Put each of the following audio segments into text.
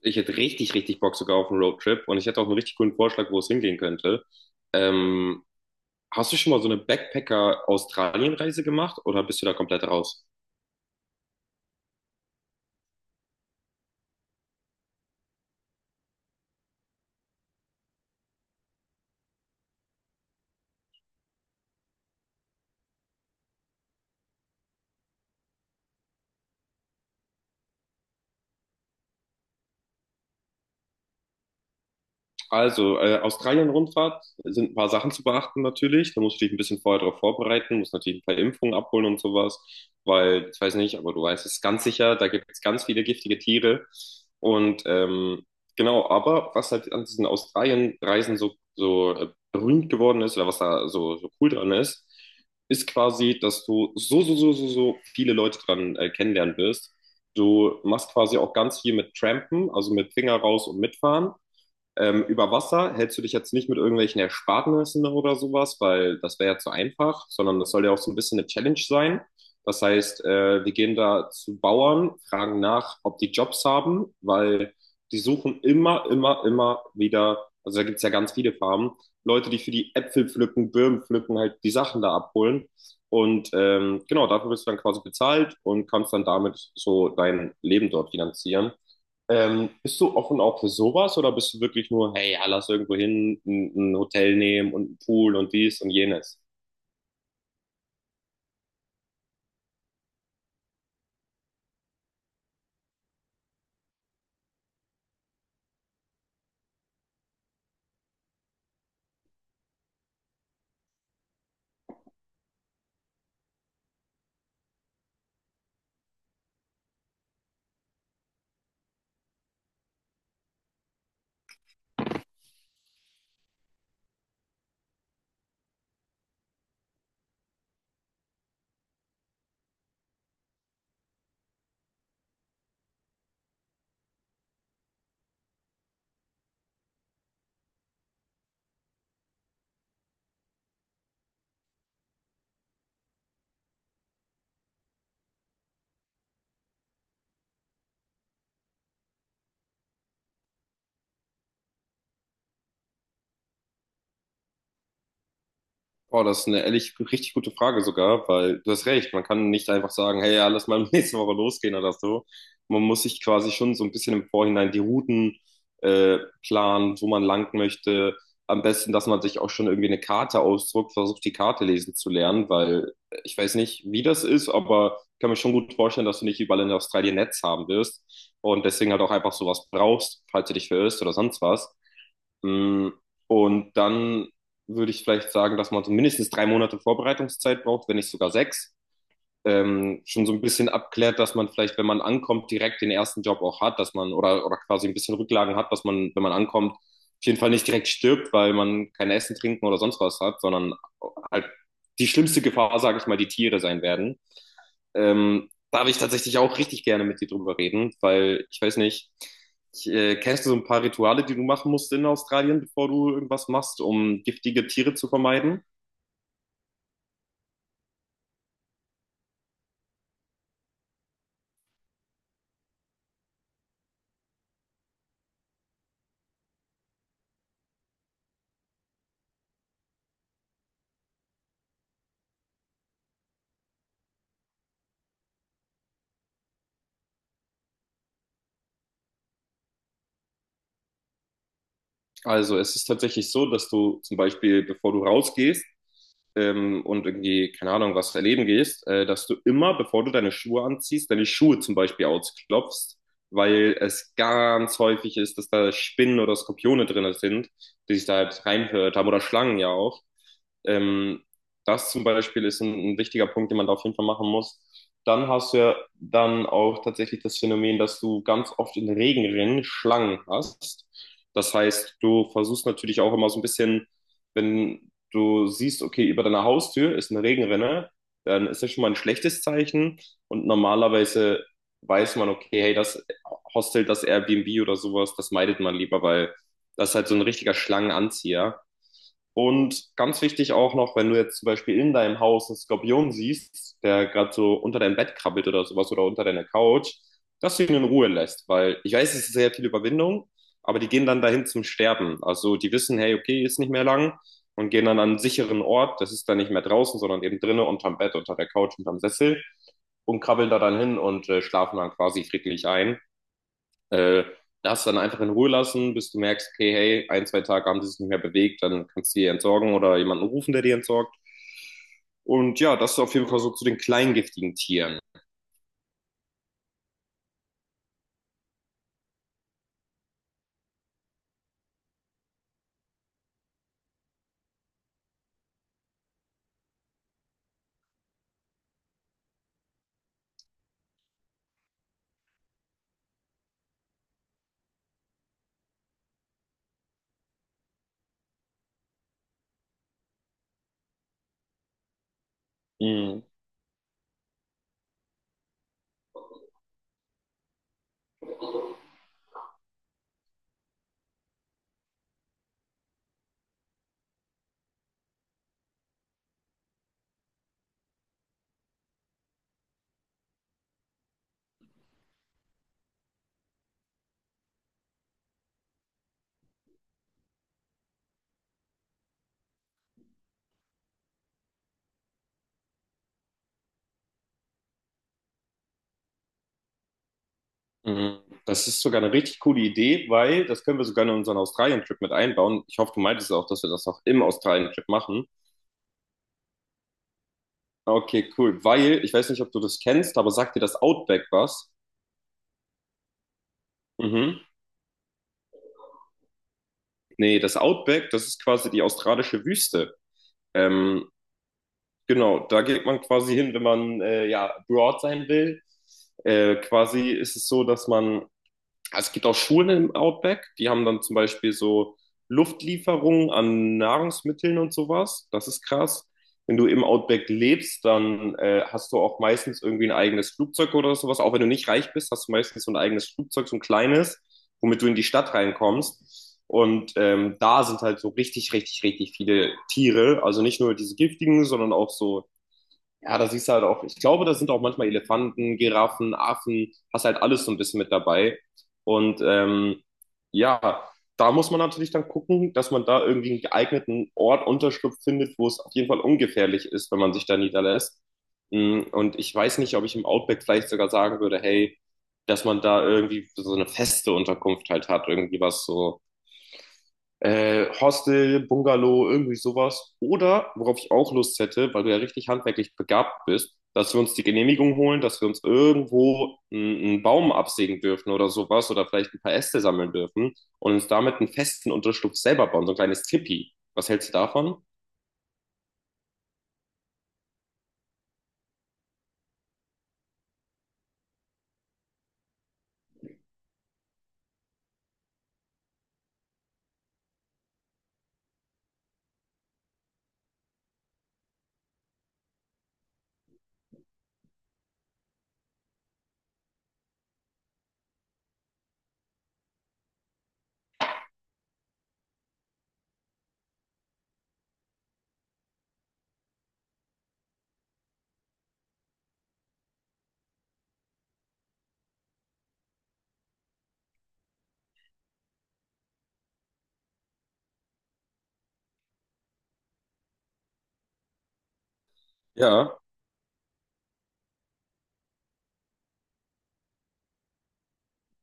Ich hätte richtig, richtig Bock sogar auf einen Roadtrip und ich hätte auch einen richtig coolen Vorschlag, wo es hingehen könnte. Ähm, Hast du schon mal so eine Backpacker-Australien-Reise gemacht oder bist du da komplett raus? Also, Australien-Rundfahrt sind ein paar Sachen zu beachten natürlich. Da musst du dich ein bisschen vorher darauf vorbereiten, musst natürlich ein paar Impfungen abholen und sowas, weil ich weiß nicht, aber du weißt es ganz sicher, da gibt es ganz viele giftige Tiere. Und genau, aber was halt an diesen Australien-Reisen so, berühmt geworden ist oder was da so cool dran ist, ist quasi, dass du so viele Leute dran kennenlernen wirst. Du machst quasi auch ganz viel mit Trampen, also mit Finger raus und mitfahren. Über Wasser hältst du dich jetzt nicht mit irgendwelchen Ersparnissen oder sowas, weil das wäre ja zu einfach, sondern das soll ja auch so ein bisschen eine Challenge sein. Das heißt, wir gehen da zu Bauern, fragen nach, ob die Jobs haben, weil die suchen immer, immer, immer wieder, also da gibt es ja ganz viele Farmen, Leute, die für die Äpfel pflücken, Birnen pflücken, halt die Sachen da abholen. Und genau, dafür bist du dann quasi bezahlt und kannst dann damit so dein Leben dort finanzieren. Bist du offen auch für sowas oder bist du wirklich nur, hey, ja, lass irgendwo hin, ein Hotel nehmen und einen Pool und dies und jenes? Oh, das ist eine ehrlich richtig gute Frage sogar, weil du hast recht, man kann nicht einfach sagen, hey, ja, lass mal nächste Woche losgehen oder so. Man muss sich quasi schon so ein bisschen im Vorhinein die Routen äh, planen, wo man lang möchte. Am besten, dass man sich auch schon irgendwie eine Karte ausdruckt, versucht die Karte lesen zu lernen, weil ich weiß nicht, wie das ist, aber ich kann mir schon gut vorstellen, dass du nicht überall in Australien Netz haben wirst und deswegen halt auch einfach sowas brauchst, falls du dich verirrst oder sonst was. Mm, Und dann würde ich vielleicht sagen, dass man so mindestens 3 Monate Vorbereitungszeit braucht, wenn nicht sogar 6 schon so ein bisschen abklärt, dass man vielleicht, wenn man ankommt, direkt den ersten Job auch hat, dass man oder quasi ein bisschen Rücklagen hat, dass man, wenn man ankommt, auf jeden Fall nicht direkt stirbt, weil man kein Essen, Trinken oder sonst was hat, sondern halt die schlimmste Gefahr, sage ich mal, die Tiere sein werden. Da habe ich tatsächlich auch richtig gerne mit dir drüber reden, weil ich weiß nicht, kennst du so ein paar Rituale, die du machen musst in Australien, bevor du irgendwas machst, um giftige Tiere zu vermeiden? Also es ist tatsächlich so, dass du zum Beispiel, bevor du rausgehst und irgendwie, keine Ahnung, was erleben gehst, dass du immer, bevor du deine Schuhe anziehst, deine Schuhe zum Beispiel ausklopfst, weil es ganz häufig ist, dass da Spinnen oder Skorpione drin sind, die sich da halt reinhört haben oder Schlangen ja auch. Ähm, Das zum Beispiel ist ein wichtiger Punkt, den man da auf jeden Fall machen muss. Dann hast du ja dann auch tatsächlich das Phänomen, dass du ganz oft in Regenrinnen Schlangen hast. Das heißt, du versuchst natürlich auch immer so ein bisschen, wenn du siehst, okay, über deiner Haustür ist eine Regenrinne, dann ist das schon mal ein schlechtes Zeichen. Und normalerweise weiß man, okay, hey, das Hostel, das Airbnb oder sowas, das meidet man lieber, weil das ist halt so ein richtiger Schlangenanzieher. Und ganz wichtig auch noch, wenn du jetzt zum Beispiel in deinem Haus einen Skorpion siehst, der gerade so unter deinem Bett krabbelt oder sowas oder unter deiner Couch, dass du ihn in Ruhe lässt, weil ich weiß, es ist sehr viel Überwindung, aber die gehen dann dahin zum Sterben. Also die wissen, hey, okay, ist nicht mehr lang und gehen dann an einen sicheren Ort, das ist dann nicht mehr draußen, sondern eben drinnen unterm Bett, unter der Couch, unterm Sessel und krabbeln da dann hin und schlafen dann quasi friedlich ein. Äh, Das dann einfach in Ruhe lassen, bis du merkst, okay, hey, ein, zwei Tage haben die sich nicht mehr bewegt, dann kannst du die entsorgen oder jemanden rufen, der die entsorgt. Und ja, das ist auf jeden Fall so zu den kleingiftigen Tieren. Mhm. Mhm. Das ist sogar eine richtig coole Idee, weil das können wir sogar in unseren Australien-Trip mit einbauen. Ich hoffe, du meintest auch, dass wir das auch im Australien-Trip machen. Okay, cool. Weil, ich weiß nicht, ob du das kennst, aber sagt dir das Outback was? Mhm. Nee, das Outback, das ist quasi die australische Wüste. Ähm, Genau, da geht man quasi hin, wenn man ja broad sein will. Quasi ist es so, dass man, also es gibt auch Schulen im Outback, die haben dann zum Beispiel so Luftlieferungen an Nahrungsmitteln und sowas. Das ist krass. Wenn du im Outback lebst, dann hast du auch meistens irgendwie ein eigenes Flugzeug oder sowas. Auch wenn du nicht reich bist, hast du meistens so ein eigenes Flugzeug, so ein kleines, womit du in die Stadt reinkommst. Und da sind halt so richtig, richtig, richtig viele Tiere. Also nicht nur diese giftigen, sondern auch so ja, da siehst du halt auch, ich glaube, da sind auch manchmal Elefanten, Giraffen, Affen, hast halt alles so ein bisschen mit dabei. Und ja, da muss man natürlich dann gucken, dass man da irgendwie einen geeigneten Ort, Unterschlupf findet, wo es auf jeden Fall ungefährlich ist, wenn man sich da niederlässt. Und ich weiß nicht, ob ich im Outback vielleicht sogar sagen würde, hey, dass man da irgendwie so eine feste Unterkunft halt hat, irgendwie was so Hostel, Bungalow, irgendwie sowas. Oder, worauf ich auch Lust hätte, weil du ja richtig handwerklich begabt bist, dass wir uns die Genehmigung holen, dass wir uns irgendwo einen Baum absägen dürfen oder sowas oder vielleicht ein paar Äste sammeln dürfen und uns damit einen festen Unterschlupf selber bauen, so ein kleines Tipi. Was hältst du davon? Ja,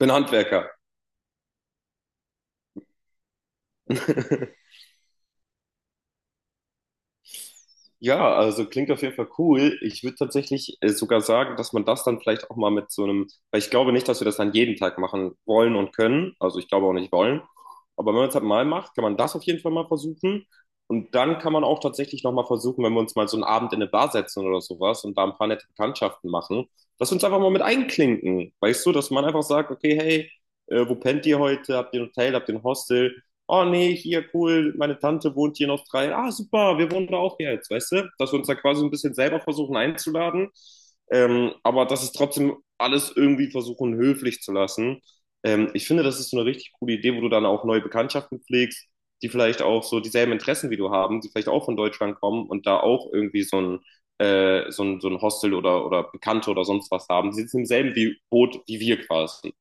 bin Handwerker. Ja, also klingt auf jeden Fall cool. Ich würde tatsächlich sogar sagen, dass man das dann vielleicht auch mal mit so einem, weil ich glaube nicht, dass wir das dann jeden Tag machen wollen und können. Also ich glaube auch nicht wollen. Aber wenn man es halt mal macht, kann man das auf jeden Fall mal versuchen. Und dann kann man auch tatsächlich nochmal versuchen, wenn wir uns mal so einen Abend in eine Bar setzen oder sowas und da ein paar nette Bekanntschaften machen, dass wir uns einfach mal mit einklinken. Weißt du, dass man einfach sagt, okay, hey, wo pennt ihr heute? Habt ihr ein Hotel? Habt ihr ein Hostel? Oh nee, hier cool, meine Tante wohnt hier in Australien. Ah, super, wir wohnen da auch jetzt, weißt du? Dass wir uns da quasi ein bisschen selber versuchen einzuladen. Aber dass es trotzdem alles irgendwie versuchen, höflich zu lassen. Ich finde, das ist so eine richtig coole Idee, wo du dann auch neue Bekanntschaften pflegst, die vielleicht auch so dieselben Interessen wie du haben, die vielleicht auch von Deutschland kommen und da auch irgendwie so ein Hostel oder Bekannte oder sonst was haben. Die sitzen im selben wie Boot wie wir quasi.